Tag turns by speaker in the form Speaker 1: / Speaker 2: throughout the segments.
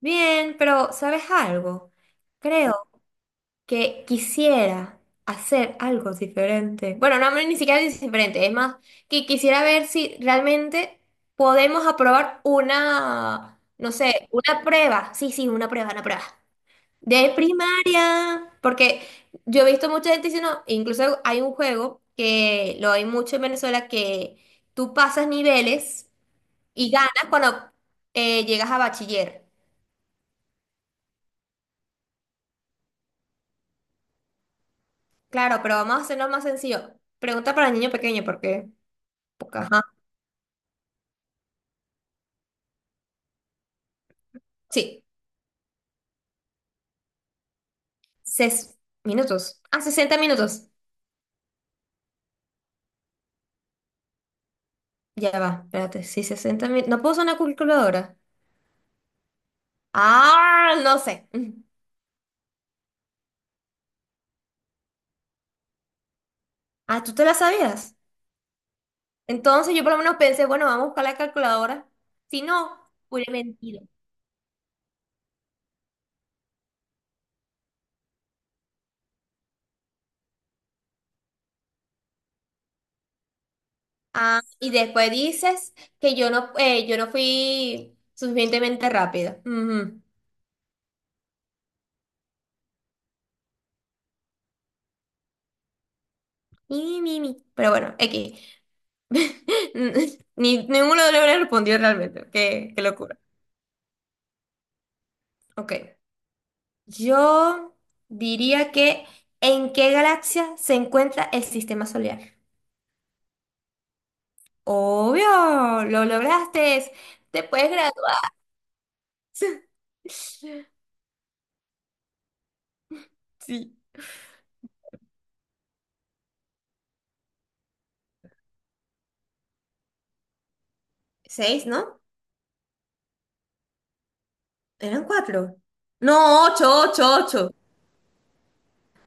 Speaker 1: Bien, pero ¿sabes algo? Creo que quisiera hacer algo diferente. Bueno, no, ni siquiera es diferente, es más, que quisiera ver si realmente podemos aprobar una, no sé, una prueba. Sí, sí, una prueba, una prueba. De primaria, porque yo he visto mucha gente diciendo, incluso hay un juego que lo hay mucho en Venezuela, que tú pasas niveles y ganas cuando llegas a bachiller. Claro, pero vamos a hacerlo más sencillo. Pregunta para el niño pequeño, porque, ajá. Sí, 6 minutos. Ah, 60 minutos. Ya va, espérate. Sí, 60 minutos. ¿No puedo usar una calculadora? Ah, no sé. Ah, ¿tú te la sabías? Entonces yo por lo menos pensé, bueno, vamos a buscar la calculadora. Si no, hubiera mentido. Ah, y después dices que yo no fui suficientemente rápida. Ujú. Y, mi. Pero bueno, X. Ni, ninguno de los dos respondió realmente. Qué locura. Ok. Yo diría que ¿en qué galaxia se encuentra el sistema solar? Obvio, lo lograste. Te puedes graduar. Sí. Seis, ¿no? Eran cuatro. No, ocho, ocho, ocho.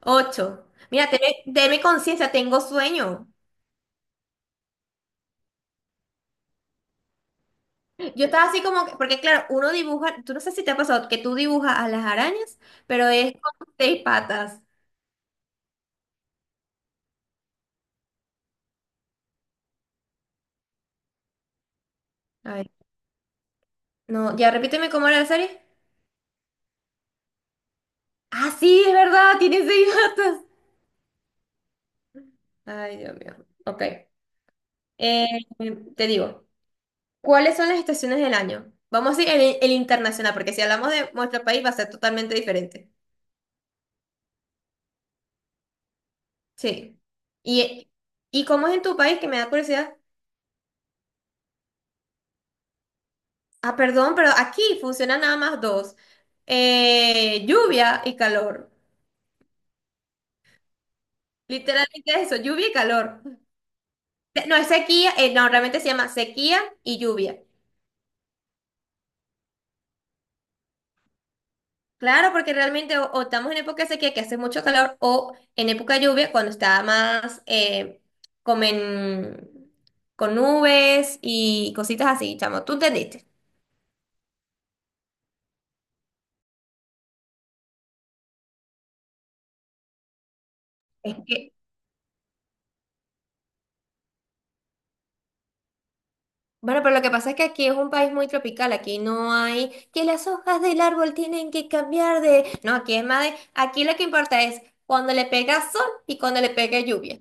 Speaker 1: Ocho. Mira, tenme conciencia, tengo sueño. Yo estaba así como, porque claro, uno dibuja, tú no sé si te ha pasado que tú dibujas a las arañas, pero es con seis patas. A no, ya repíteme cómo era la serie. Ah, sí, es verdad, tiene seis patas. Ay, Dios mío. Ok. Eh, te digo, ¿cuáles son las estaciones del año? Vamos a ir el internacional, porque si hablamos de nuestro país va a ser totalmente diferente. Sí. ¿Y, y cómo es en tu país? Que me da curiosidad. Ah, perdón, pero aquí funcionan nada más dos. Lluvia y calor. Literalmente es eso, lluvia y calor. No, es sequía, no, realmente se llama sequía y lluvia. Claro, porque realmente o estamos en época de sequía que hace mucho calor o en época de lluvia cuando está más como con nubes y cositas así, chamo. ¿Tú entendiste? Es que, bueno, pero lo que pasa es que aquí es un país muy tropical, aquí no hay que las hojas del árbol tienen que cambiar de. No, aquí es más de. Aquí lo que importa es cuando le pega sol y cuando le pega lluvia.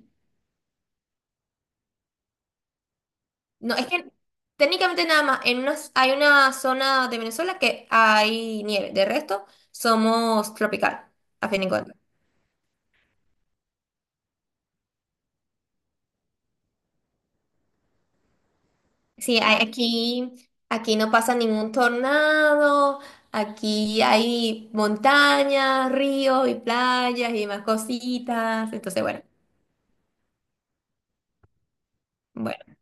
Speaker 1: No, es que técnicamente nada más, en unas, hay una zona de Venezuela que hay nieve, de resto somos tropical, a fin de cuentas. Sí, aquí, no pasa ningún tornado, aquí hay montañas, ríos y playas y más cositas, entonces bueno, bueno,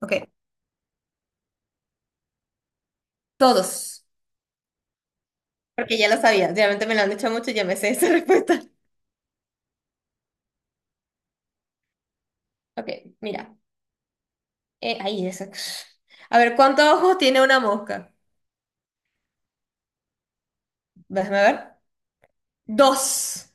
Speaker 1: ok. Todos, porque ya lo sabía, realmente me lo han dicho mucho y ya me sé esa respuesta. Ok, mira, ahí eso. A ver, ¿cuántos ojos tiene una mosca? Déjame ver. Dos.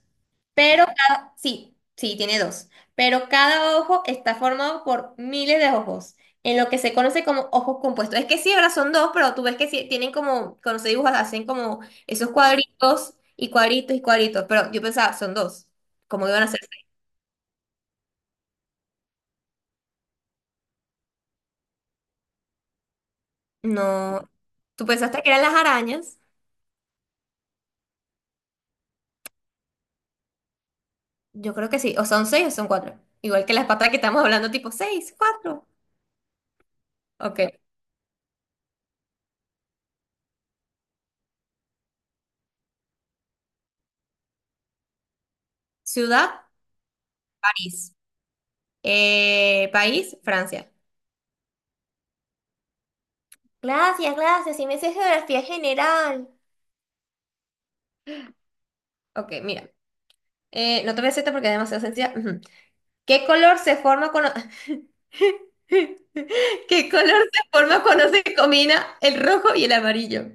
Speaker 1: Pero cada, sí, sí, tiene dos. Pero cada ojo está formado por miles de ojos, en lo que se conoce como ojos compuestos. Es que sí, ahora son dos, pero tú ves que sí, tienen como, cuando se dibujan, hacen como esos cuadritos y cuadritos y cuadritos. Pero yo pensaba, son dos. ¿Cómo iban a ser seis? No. ¿Tú pensaste que eran las arañas? Yo creo que sí. O son seis o son cuatro. Igual que las patas que estamos hablando, tipo seis, cuatro. Ok. Ciudad, París. País, Francia. Gracias, gracias. Si me sé geografía general. Ok, mira. No te voy a hacer esta porque es demasiado sencilla. Ujú. ¿Qué color se forma cuando... ¿Qué color se forma cuando se combina el rojo y el amarillo?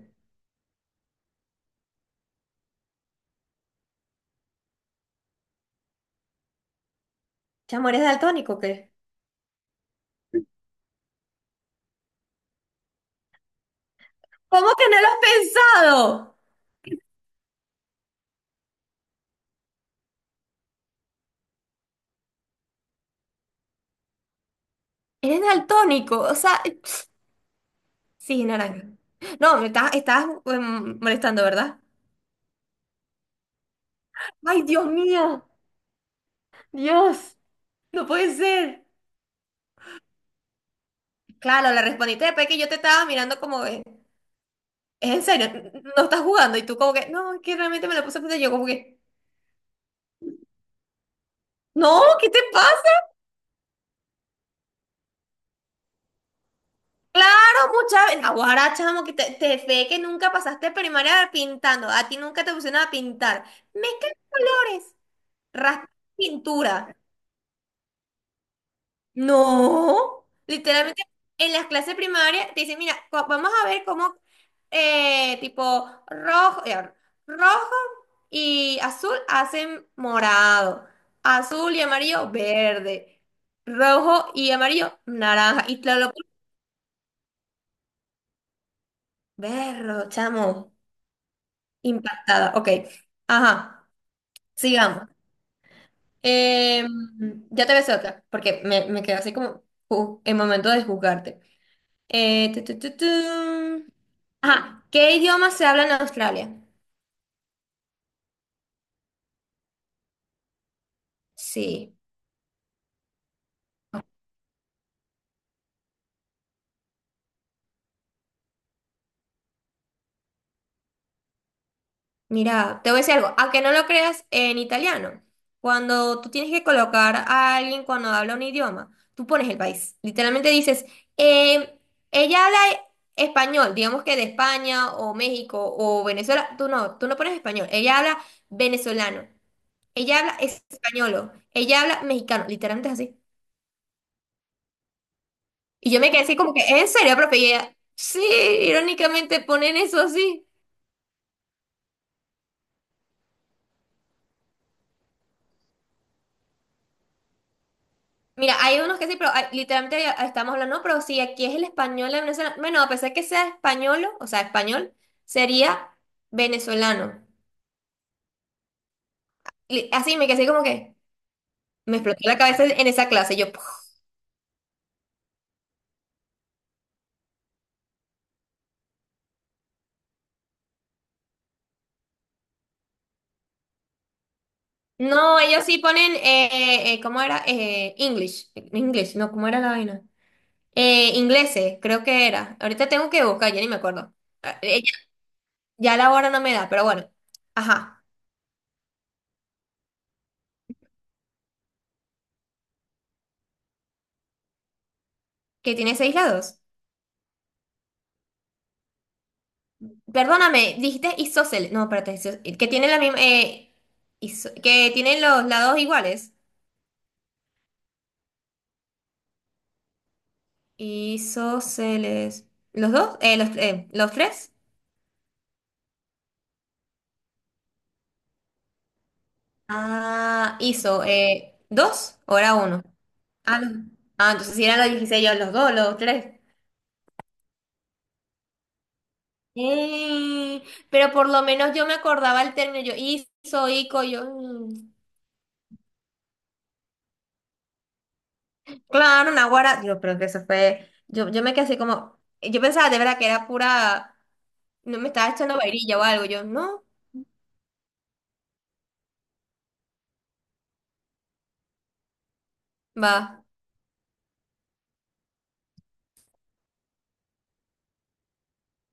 Speaker 1: Chamo, ¿eres daltónico o qué? ¿Cómo que no lo has pensado? Eres daltónico, o sea, sí, naranja. No, me estás molestando, ¿verdad? Ay, Dios mío. Dios. No puede ser. Claro, la respondiste después que yo te estaba mirando como, es en serio, no estás jugando. Y tú como que, no, es que realmente me la puse a pensar. Yo como que, no, ¿qué te pasa? Claro, mucha. Ahora, chamo, que te ve que nunca pasaste primaria pintando. A ti nunca te pusieron a pintar. Mezcla colores, raspa pintura. No, literalmente en las clases primarias te dicen, mira, vamos a ver cómo eh, tipo rojo, eh, rojo y azul hacen morado, azul y amarillo verde, rojo y amarillo naranja y claro, verro, chamo, impactada. Ok, ajá, sigamos. Em, ya te ves otra, porque me quedo así como en momento de juzgarte. Tu, tu, tu, tu. Ajá, ¿qué idioma se habla en Australia? Sí, mira, te voy a decir algo, aunque no lo creas en italiano, cuando tú tienes que colocar a alguien cuando habla un idioma, tú pones el país, literalmente dices, eh, ella habla español, digamos que de España o México o Venezuela, tú no pones español, ella habla venezolano, ella habla español, ella habla mexicano, literalmente es así. Y yo me quedé así como que, ¿en serio, profe? Y ella, sí, irónicamente ponen eso así. Mira, hay unos que sí, pero literalmente ya estamos hablando, no, pero si aquí es el español de Venezuela, bueno, a pesar que sea español, o sea, español, sería venezolano. Así me quedé así como que, me explotó la cabeza en esa clase, yo, ¡puf! No, ellos sí ponen, ¿cómo era? English, English, no, ¿cómo era la vaina? Ingleses, creo que era. Ahorita tengo que buscar, ya ni me acuerdo. Ah, eh, Ya ya la hora no me da, pero bueno. Ajá. Que tiene seis lados. Perdóname, dijiste isósceles. No, espérate, que tiene la misma. Que tienen los lados iguales. Isósceles. ¿Los dos? ¿Los tres? Ah, iso. ¿Dos o era uno? Ah, no. Ah, entonces si eran los 16, yo los dos, los tres. Eh, pero por lo menos yo me acordaba el término, yo hizo, ico, yo, mm, claro, naguará, digo, pero que eso fue, yo me quedé así como, yo pensaba de verdad que era pura, no me estaba echando vainilla o algo. Yo, no, va,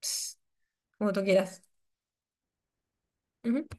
Speaker 1: ps, como tú quieras. Ujú.